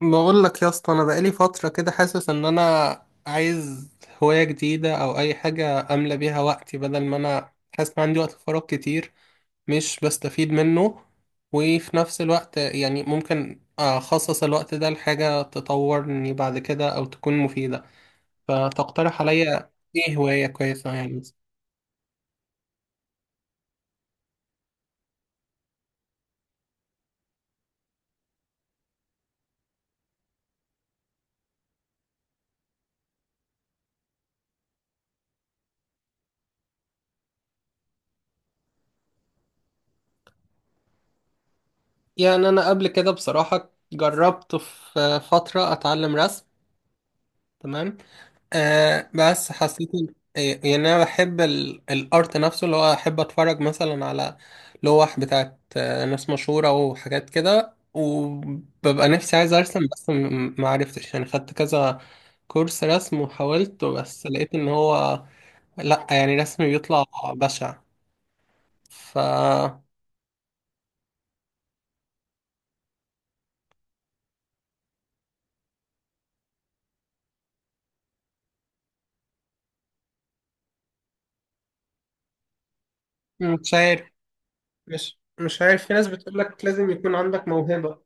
بقول لك يا اسطى، انا بقالي فتره كده حاسس ان انا عايز هوايه جديده او اي حاجه املى بيها وقتي، بدل ما انا حاسس ان عندي وقت فراغ كتير مش بستفيد منه. وفي نفس الوقت يعني ممكن اخصص الوقت ده لحاجه تطورني بعد كده او تكون مفيده. فتقترح عليا ايه هوايه كويسه يعني؟ يعني انا قبل كده بصراحه جربت في فتره اتعلم رسم. تمام. آه، بس حسيت إن- إيه، يعني انا بحب الارت نفسه، اللي هو احب اتفرج مثلا على لوح بتاعت ناس مشهورة وحاجات كده، وببقى نفسي عايز ارسم، بس ما عرفتش. يعني خدت كذا كورس رسم وحاولت، بس لقيت ان هو لا، يعني رسمي بيطلع بشع. ف مش عارف. مش عارف، في ناس بتقولك لازم يكون عندك موهبة.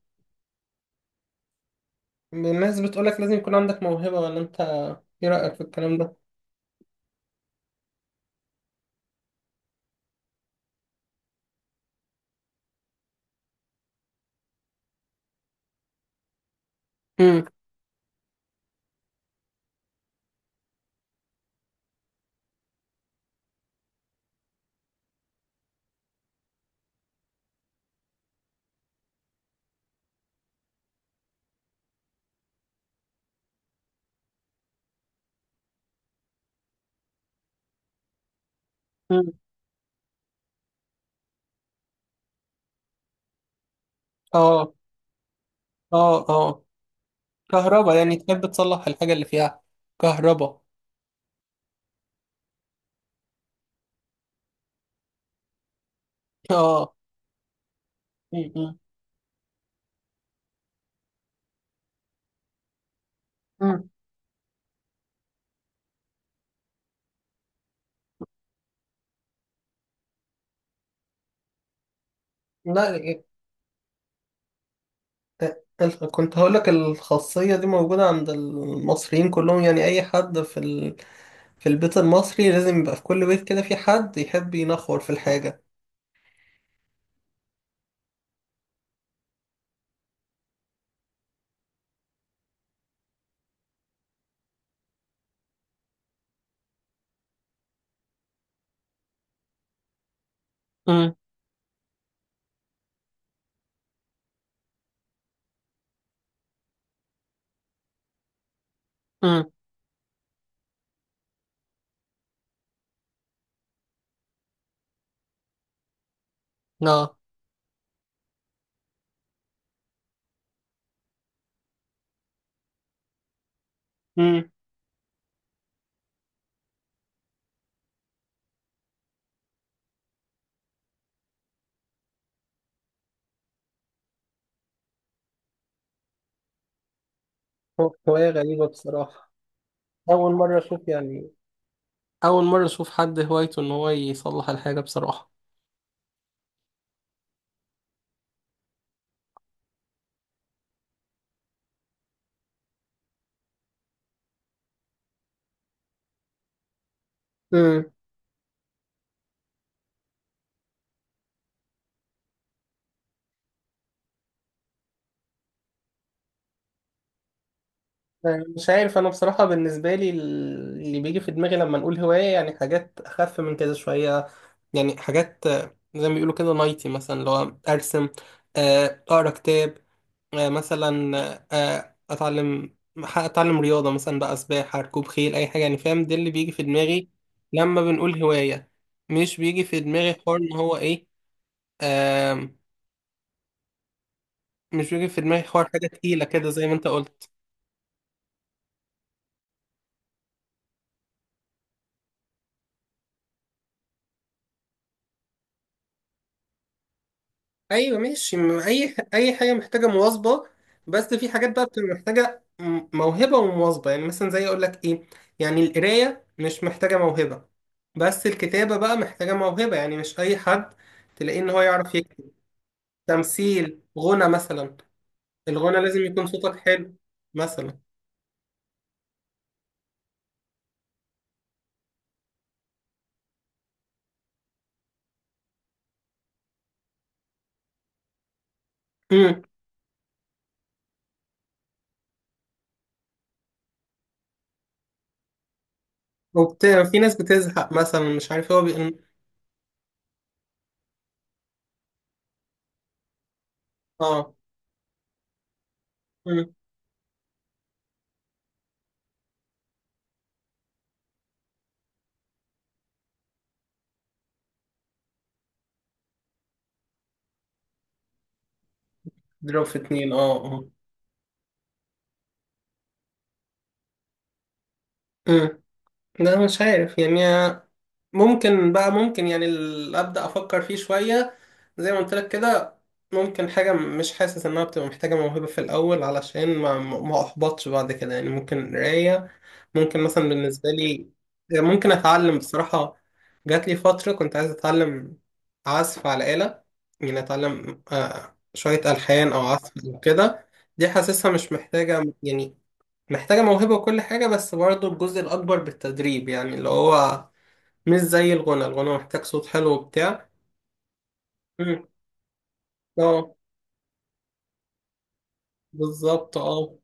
الناس بتقولك لازم يكون عندك موهبة، ولا انت ايه رأيك في الكلام ده؟ مم. اه، اه، اه. كهربا، يعني تحب تصلح الحاجة اللي فيها كهربا. اه. م. مم. لا، كنت هقولك الخاصية دي موجودة عند المصريين كلهم، يعني أي حد في في البيت المصري لازم يبقى في كل بيت كده في حد يحب ينخور في الحاجة. امم. امم. اه. امم. هواية غريبة بصراحة. أول مرة أشوف يعني. أول مرة أشوف حد هوايته إن هو يصلح الحاجة بصراحة. مش عارف، انا بصراحة بالنسبة لي اللي بيجي في دماغي لما نقول هواية يعني حاجات اخف من كده شوية. يعني حاجات زي ما بيقولوا كده، نايتي مثلا، اللي هو ارسم، اقرا كتاب، مثلا، اتعلم رياضة، مثلا بقى سباحة، ركوب خيل، اي حاجة. يعني فاهم؟ ده اللي بيجي في دماغي لما بنقول هواية. مش بيجي في دماغي حوار ان هو ايه. آم، مش بيجي في دماغي حوار حاجة تقيلة كده زي ما انت قلت. ايوه ماشي. اي حاجه محتاجه مواظبه، بس في حاجات بقى بتبقى محتاجه موهبه ومواظبه. يعني مثلا زي، اقول لك ايه، يعني القرايه مش محتاجه موهبه، بس الكتابه بقى محتاجه موهبه. يعني مش اي حد تلاقيه ان هو يعرف يكتب. تمثيل، غنى مثلا، الغنى لازم يكون صوتك حلو مثلا. امم. في ناس بتزهق مثلا، مش عارف هو اه. امم. ضرب في اتنين، اه، اه. امم. لا، مش عارف يعني. ممكن بقى، ممكن يعني ابدا افكر فيه شويه، زي ما قلت لك كده. ممكن حاجه مش حاسس انها بتبقى محتاجه موهبه في الاول، علشان ما احبطش بعد كده. يعني ممكن قرايه. ممكن مثلا بالنسبه لي، ممكن اتعلم بصراحه. جات لي فتره كنت عايز اتعلم عزف على آلة. يعني اتعلم شويه الحان او عزف وكده. دي حاسسها مش محتاجه، يعني محتاجه موهبه وكل حاجه، بس برضو الجزء الاكبر بالتدريب. يعني اللي هو مش زي الغنى، الغنى محتاج صوت حلو وبتاع. مم. اه. بالظبط، اه.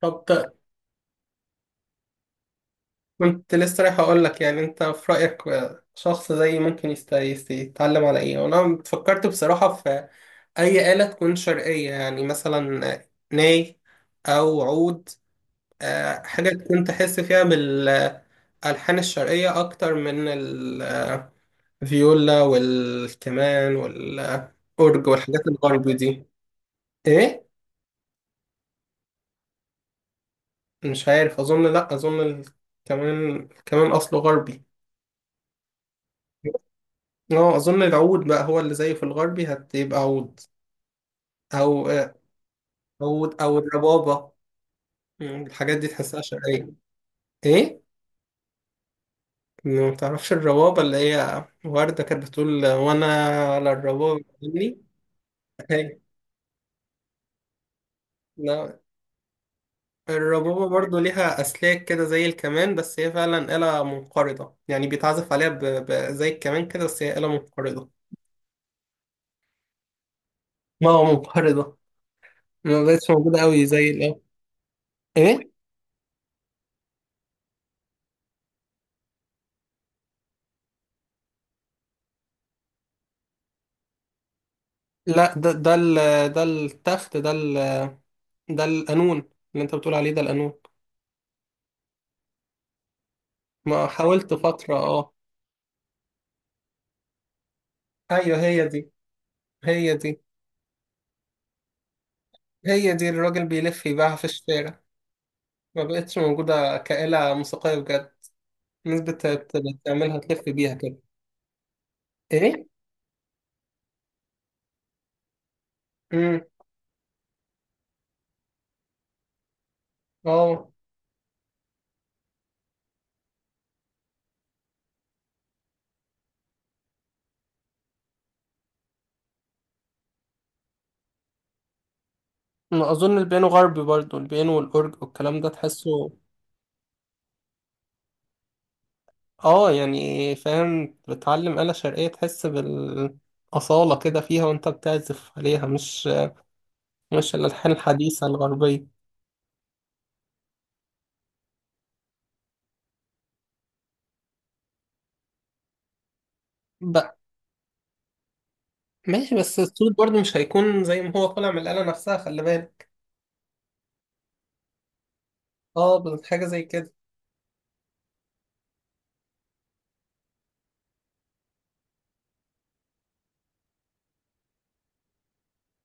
طب ت- كنت لسه رايح اقول لك، يعني انت في رايك شخص زيي ممكن يتعلم على ايه. وانا فكرت بصراحه في اي آلة تكون شرقيه، يعني مثلا ناي او عود، حاجه تكون تحس فيها بالالحان الشرقيه اكتر من الفيولا والكمان والاورج والحاجات الغربي دي. ايه؟ مش عارف، اظن، لا اظن كمان اصله غربي. اه، اظن العود بقى هو اللي زيه في الغربي هتبقى عود، او عود او الربابة. الحاجات دي تحسها شرقية. ايه؟ ما تعرفش الربابة اللي هي وردة كانت بتقول: وانا على الربابة مني. هي. لا، الربابة برضو ليها أسلاك كده زي الكمان، بس هي فعلا آلة منقرضة. يعني بيتعزف عليها زي الكمان كده، بس هي آلة منقرضة. ما هو منقرضة، ما بقتش موجودة أوي زي الأول. ايه؟ لا، ده التخت، ده القانون. اللي انت بتقول عليه ده القانون. ما حاولت فترة، اه. ايوه هي دي، هي دي، هي دي الراجل بيلف يبيعها في الشارع. ما بقتش موجودة كآلة موسيقية بجد. الناس بتعملها تلف بيها كده. ايه؟ امم. اه، ما اظن البيانو غربي برضو. البيانو والاورج والكلام ده تحسه. اه يعني، فاهم. بتعلم آلة شرقية تحس بالأصالة كده فيها وانت بتعزف عليها، مش الألحان الحديثة الغربية. بقى، ماشي، بس الصوت برضه مش هيكون زي ما هو طالع من الآلة نفسها، خلي بالك. اه، بس حاجة زي كده.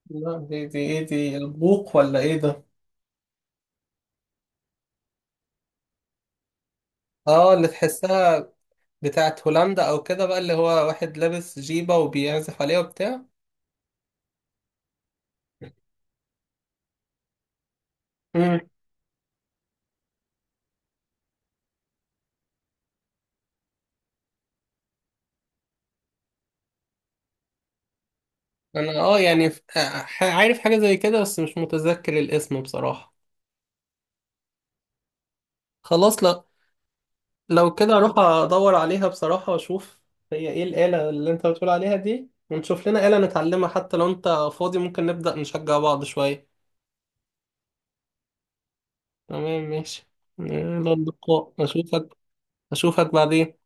لا، دي البوق ولا ايه ده؟ اه، اللي تحسها بتاعت هولندا او كده بقى، اللي هو واحد لابس جيبة وبيعزف عليها وبتاع. امم. انا، اه يعني، عارف حاجة زي كده، بس مش متذكر الاسم بصراحة. خلاص. لا، لو كده اروح ادور عليها بصراحة واشوف. هي ايه الآلة اللي انت بتقول عليها دي، ونشوف لنا آلة نتعلمها. حتى لو انت فاضي ممكن نبدأ نشجع بعض شوية. تمام، ماشي. يلا اللقاء، اشوفك. اشوفك بعدين.